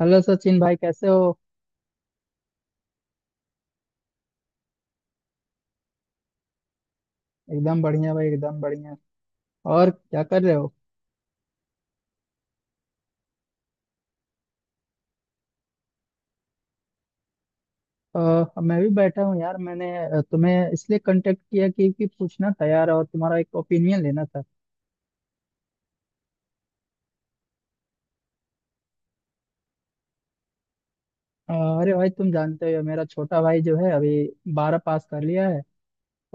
Hello Sachin भाई, कैसे हो? एकदम बढ़िया भाई, एकदम बढ़िया। और क्या कर रहे हो? मैं भी बैठा हूँ यार। मैंने तुम्हें इसलिए कांटेक्ट किया कि पूछना था यार, और तुम्हारा एक ओपिनियन लेना था। अ, अरे भाई, तुम जानते हो मेरा छोटा भाई जो है अभी 12 पास कर लिया है।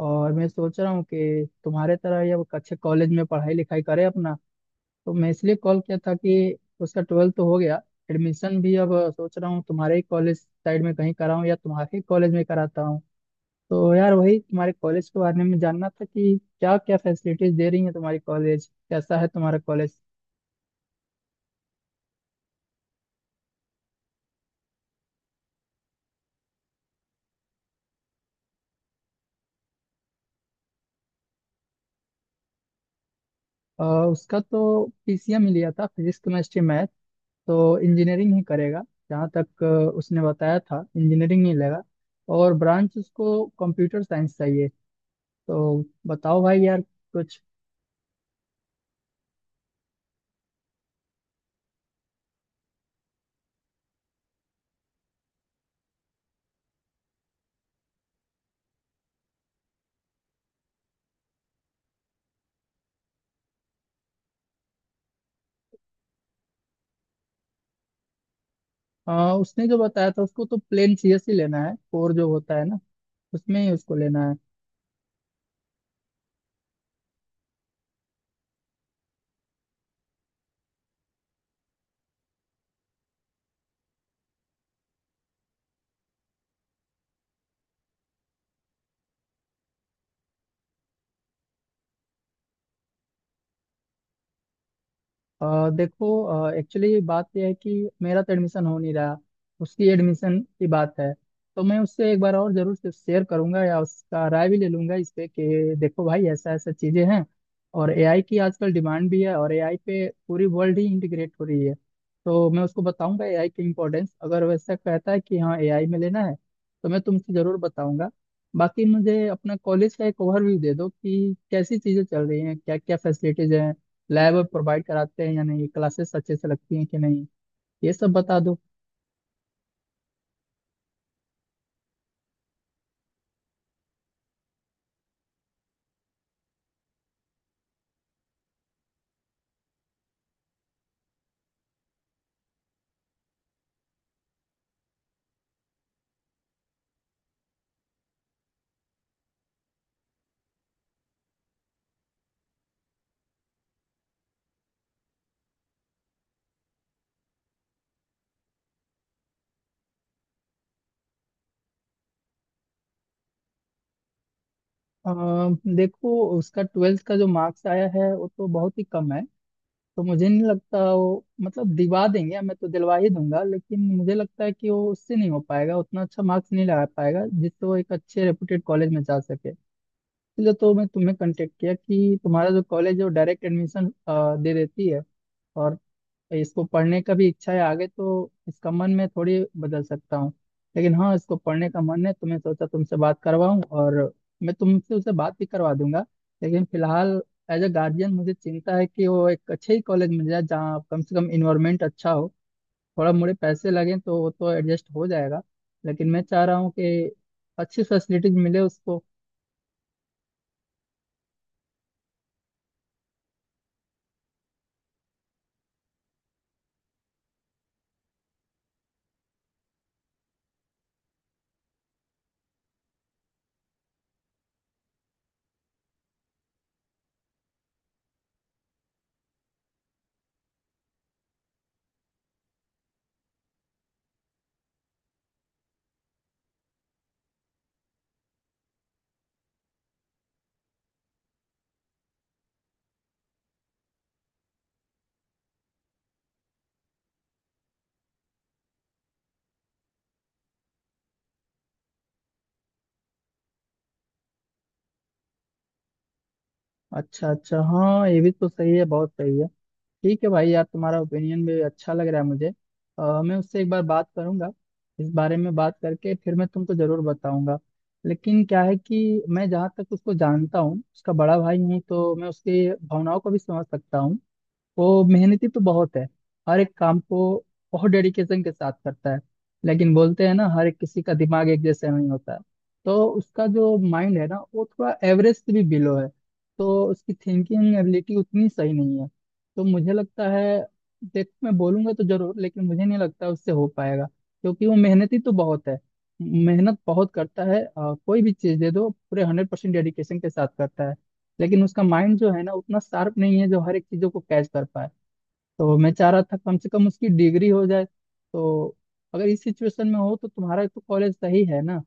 और मैं सोच रहा हूँ कि तुम्हारे तरह ये वो अच्छे कॉलेज में पढ़ाई लिखाई करे अपना। तो मैं इसलिए कॉल किया था कि उसका 12th तो हो गया, एडमिशन भी अब। सोच रहा हूँ तुम्हारे ही कॉलेज साइड में कहीं कराऊँ या तुम्हारे ही कॉलेज में कराता हूँ। तो यार, वही तुम्हारे कॉलेज के बारे में जानना था कि क्या क्या फैसिलिटीज दे रही है तुम्हारी कॉलेज, कैसा है तुम्हारा कॉलेज? अ, उसका तो पीसीएम ही लिया था, फिजिक्स केमिस्ट्री मैथ। तो इंजीनियरिंग ही करेगा। जहाँ तक उसने बताया था इंजीनियरिंग ही लेगा। और ब्रांच उसको कंप्यूटर साइंस चाहिए। तो बताओ भाई यार कुछ। अ, उसने जो बताया था उसको तो प्लेन सीएस ही लेना है, कोर जो होता है ना, उसमें ही उसको लेना है। अ देखो, एक्चुअली बात यह है कि मेरा तो एडमिशन हो नहीं रहा, उसकी एडमिशन की बात है। तो मैं उससे एक बार और जरूर से शेयर करूंगा या उसका राय भी ले लूंगा इस पे कि देखो भाई, ऐसा ऐसा चीजें हैं। और एआई की आजकल डिमांड भी है, और एआई पे पूरी वर्ल्ड ही इंटीग्रेट हो रही है। तो मैं उसको बताऊंगा एआई की इम्पोर्टेंस। अगर वैसा कहता है कि हाँ एआई में लेना है, तो मैं तुमसे जरूर बताऊंगा। बाकी मुझे अपना कॉलेज का एक ओवरव्यू दे दो कि कैसी चीजें चल रही हैं, क्या क्या फैसिलिटीज हैं, लैब प्रोवाइड कराते हैं या नहीं, क्लासेस अच्छे से लगती हैं कि नहीं, ये सब बता दो। देखो, उसका 12th का जो मार्क्स आया है वो तो बहुत ही कम है। तो मुझे नहीं लगता वो, मतलब दिवा देंगे, मैं तो दिलवा ही दूंगा, लेकिन मुझे लगता है कि वो उससे नहीं हो पाएगा, उतना अच्छा मार्क्स नहीं लगा पाएगा जिससे वो एक अच्छे रेपुटेड कॉलेज में जा सके। इसलिए तो मैं तुम्हें कांटेक्ट किया कि तुम्हारा जो कॉलेज है वो डायरेक्ट एडमिशन दे देती है। और इसको पढ़ने का भी इच्छा है आगे, तो इसका मन मैं थोड़ी बदल सकता हूँ। लेकिन हाँ, इसको पढ़ने का मन है तो मैं सोचा तुमसे बात करवाऊँ, और मैं तुमसे उसे बात भी करवा दूंगा। लेकिन फिलहाल एज अ गार्जियन मुझे चिंता है कि वो एक अच्छे ही कॉलेज मिल जाए जहाँ कम से कम इन्वायरमेंट अच्छा हो। थोड़ा मोड़े पैसे लगें तो वो तो एडजस्ट हो जाएगा, लेकिन मैं चाह रहा हूँ कि अच्छी फैसिलिटीज मिले उसको। अच्छा अच्छा, हाँ ये भी तो सही है, बहुत सही है। ठीक है भाई यार, तुम्हारा ओपिनियन भी अच्छा लग रहा है मुझे। मैं उससे एक बार बात करूंगा, इस बारे में बात करके फिर मैं तुमको जरूर बताऊंगा। लेकिन क्या है कि मैं जहाँ तक उसको जानता हूँ, उसका बड़ा भाई हूँ तो मैं उसकी भावनाओं को भी समझ सकता हूँ। वो मेहनती तो बहुत है, हर एक काम को बहुत डेडिकेशन के साथ करता है। लेकिन बोलते हैं ना, हर एक किसी का दिमाग एक जैसा नहीं होता। तो उसका जो माइंड है ना, वो थोड़ा एवरेज से भी बिलो है। तो उसकी थिंकिंग एबिलिटी उतनी सही नहीं है। तो मुझे लगता है देख, मैं बोलूंगा तो जरूर, लेकिन मुझे नहीं लगता उससे हो पाएगा, क्योंकि वो मेहनती तो बहुत है। मेहनत बहुत करता है। कोई भी चीज दे दो पूरे 100% डेडिकेशन के साथ करता है। लेकिन उसका माइंड जो है ना, उतना शार्प नहीं है जो हर एक चीजों को कैच कर पाए। तो मैं चाह रहा था कम से कम उसकी डिग्री हो जाए। तो अगर इस सिचुएशन में हो, तो तुम्हारा तो कॉलेज सही है ना?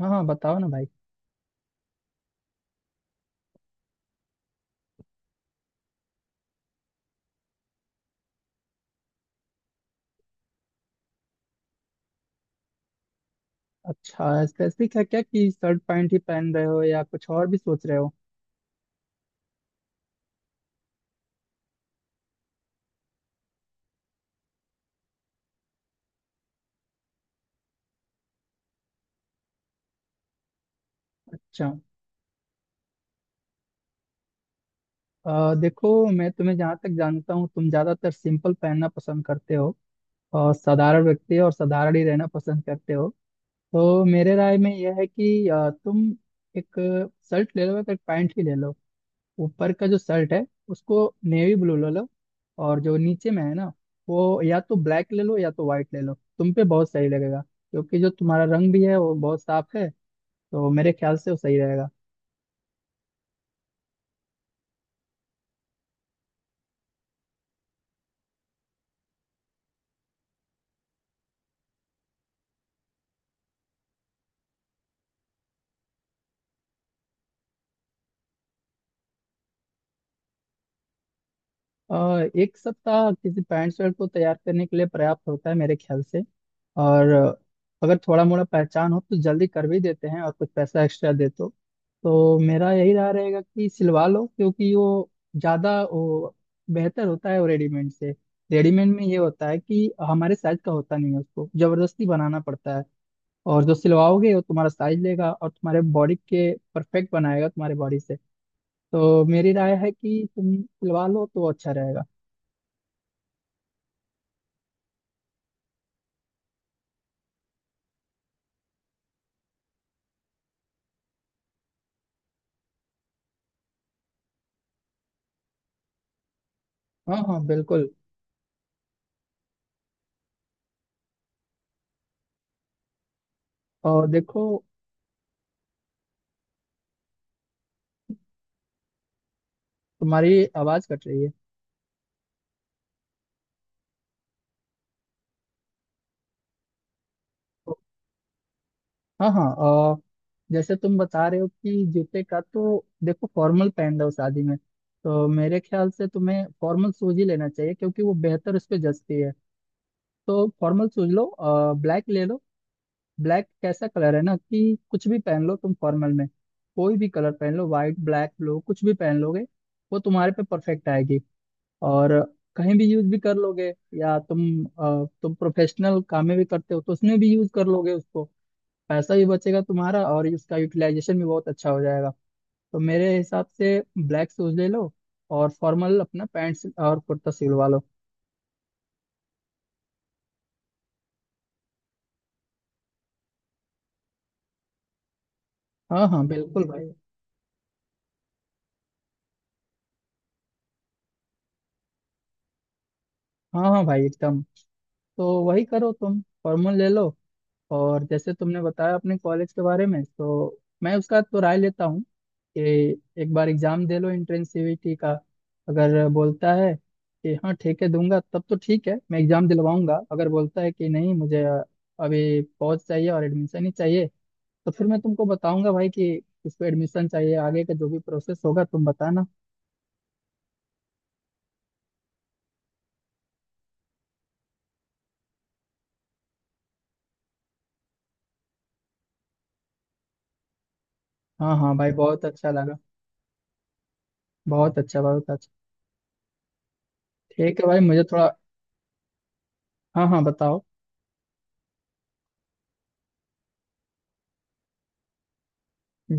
हाँ हाँ, बताओ ना भाई। अच्छा, स्पेसिफिक है क्या कि शर्ट पैंट ही पहन रहे हो या कुछ और भी सोच रहे हो? अच्छा। देखो, मैं तुम्हें जहाँ तक जानता हूँ तुम ज्यादातर सिंपल पहनना पसंद करते हो। और साधारण व्यक्ति और साधारण ही रहना पसंद करते हो। तो मेरे राय में यह है कि तुम एक शर्ट ले लो, एक पैंट ही ले लो। ऊपर का जो शर्ट है उसको नेवी ब्लू ले लो। और जो नीचे में है ना, वो या तो ब्लैक ले लो या तो व्हाइट ले लो, तुम पे बहुत सही लगेगा। क्योंकि जो तुम्हारा रंग भी है वो बहुत साफ है। तो मेरे ख्याल से वो सही रहेगा। अ, एक सप्ताह किसी पैंट शर्ट को तैयार करने के लिए पर्याप्त होता है मेरे ख्याल से। और अगर थोड़ा मोड़ा पहचान हो तो जल्दी कर भी देते हैं, और कुछ पैसा एक्स्ट्रा दे तो। तो मेरा यही राय रहेगा कि सिलवा लो, क्योंकि वो ज़्यादा वो बेहतर होता है वो रेडीमेड से। रेडीमेड में ये होता है कि हमारे साइज का होता नहीं है, उसको जबरदस्ती बनाना पड़ता है। और जो सिलवाओगे वो तुम्हारा साइज लेगा और तुम्हारे बॉडी के परफेक्ट बनाएगा तुम्हारी बॉडी से। तो मेरी राय है कि तुम सिलवा लो तो अच्छा रहेगा। हाँ हाँ बिल्कुल। और देखो, तुम्हारी आवाज कट रही है। तो- हाँ हाँ, और जैसे तुम बता रहे हो कि जूते का तो देखो, फॉर्मल पहन लो शादी में। तो मेरे ख्याल से तुम्हें फॉर्मल शूज ही लेना चाहिए, क्योंकि वो बेहतर उस पर जचती है। तो फॉर्मल शूज लो, ब्लैक ले लो। ब्लैक कैसा कलर है ना, कि कुछ भी पहन लो तुम फॉर्मल में। कोई भी कलर पहन लो, व्हाइट ब्लैक ब्लू कुछ भी पहन लोगे। वो तुम्हारे पे परफेक्ट आएगी, और कहीं भी यूज भी कर लोगे। या तुम प्रोफेशनल काम में भी करते हो तो उसमें भी यूज कर लोगे उसको। पैसा भी बचेगा तुम्हारा, और इसका यूटिलाइजेशन भी बहुत अच्छा हो जाएगा। तो मेरे हिसाब से ब्लैक शूज ले लो। और फॉर्मल अपना पैंट्स और कुर्ता सिलवा लो। हाँ हाँ बिल्कुल भाई। हाँ हाँ भाई एकदम। तो वही करो, तुम फॉर्मल ले लो। और जैसे तुमने बताया अपने कॉलेज के बारे में, तो मैं उसका तो राय लेता हूँ कि एक बार एग्जाम दे लो एंट्रेंस सीईटी का। अगर बोलता है कि हाँ ठीक है दूंगा, तब तो ठीक है, मैं एग्जाम दिलवाऊंगा। अगर बोलता है कि नहीं, मुझे अभी पहुंच चाहिए और एडमिशन ही चाहिए। तो फिर मैं तुमको बताऊंगा भाई कि इसको एडमिशन चाहिए, आगे का जो भी प्रोसेस होगा तुम बताना। हाँ हाँ भाई, बहुत अच्छा लगा। बहुत अच्छा बहुत अच्छा। ठीक है भाई, मुझे थोड़ा। हाँ हाँ बताओ।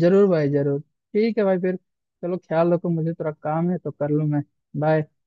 जरूर भाई जरूर, ठीक है भाई फिर। चलो, ख्याल रखो, मुझे थोड़ा काम है तो कर लूँ मैं। बाय।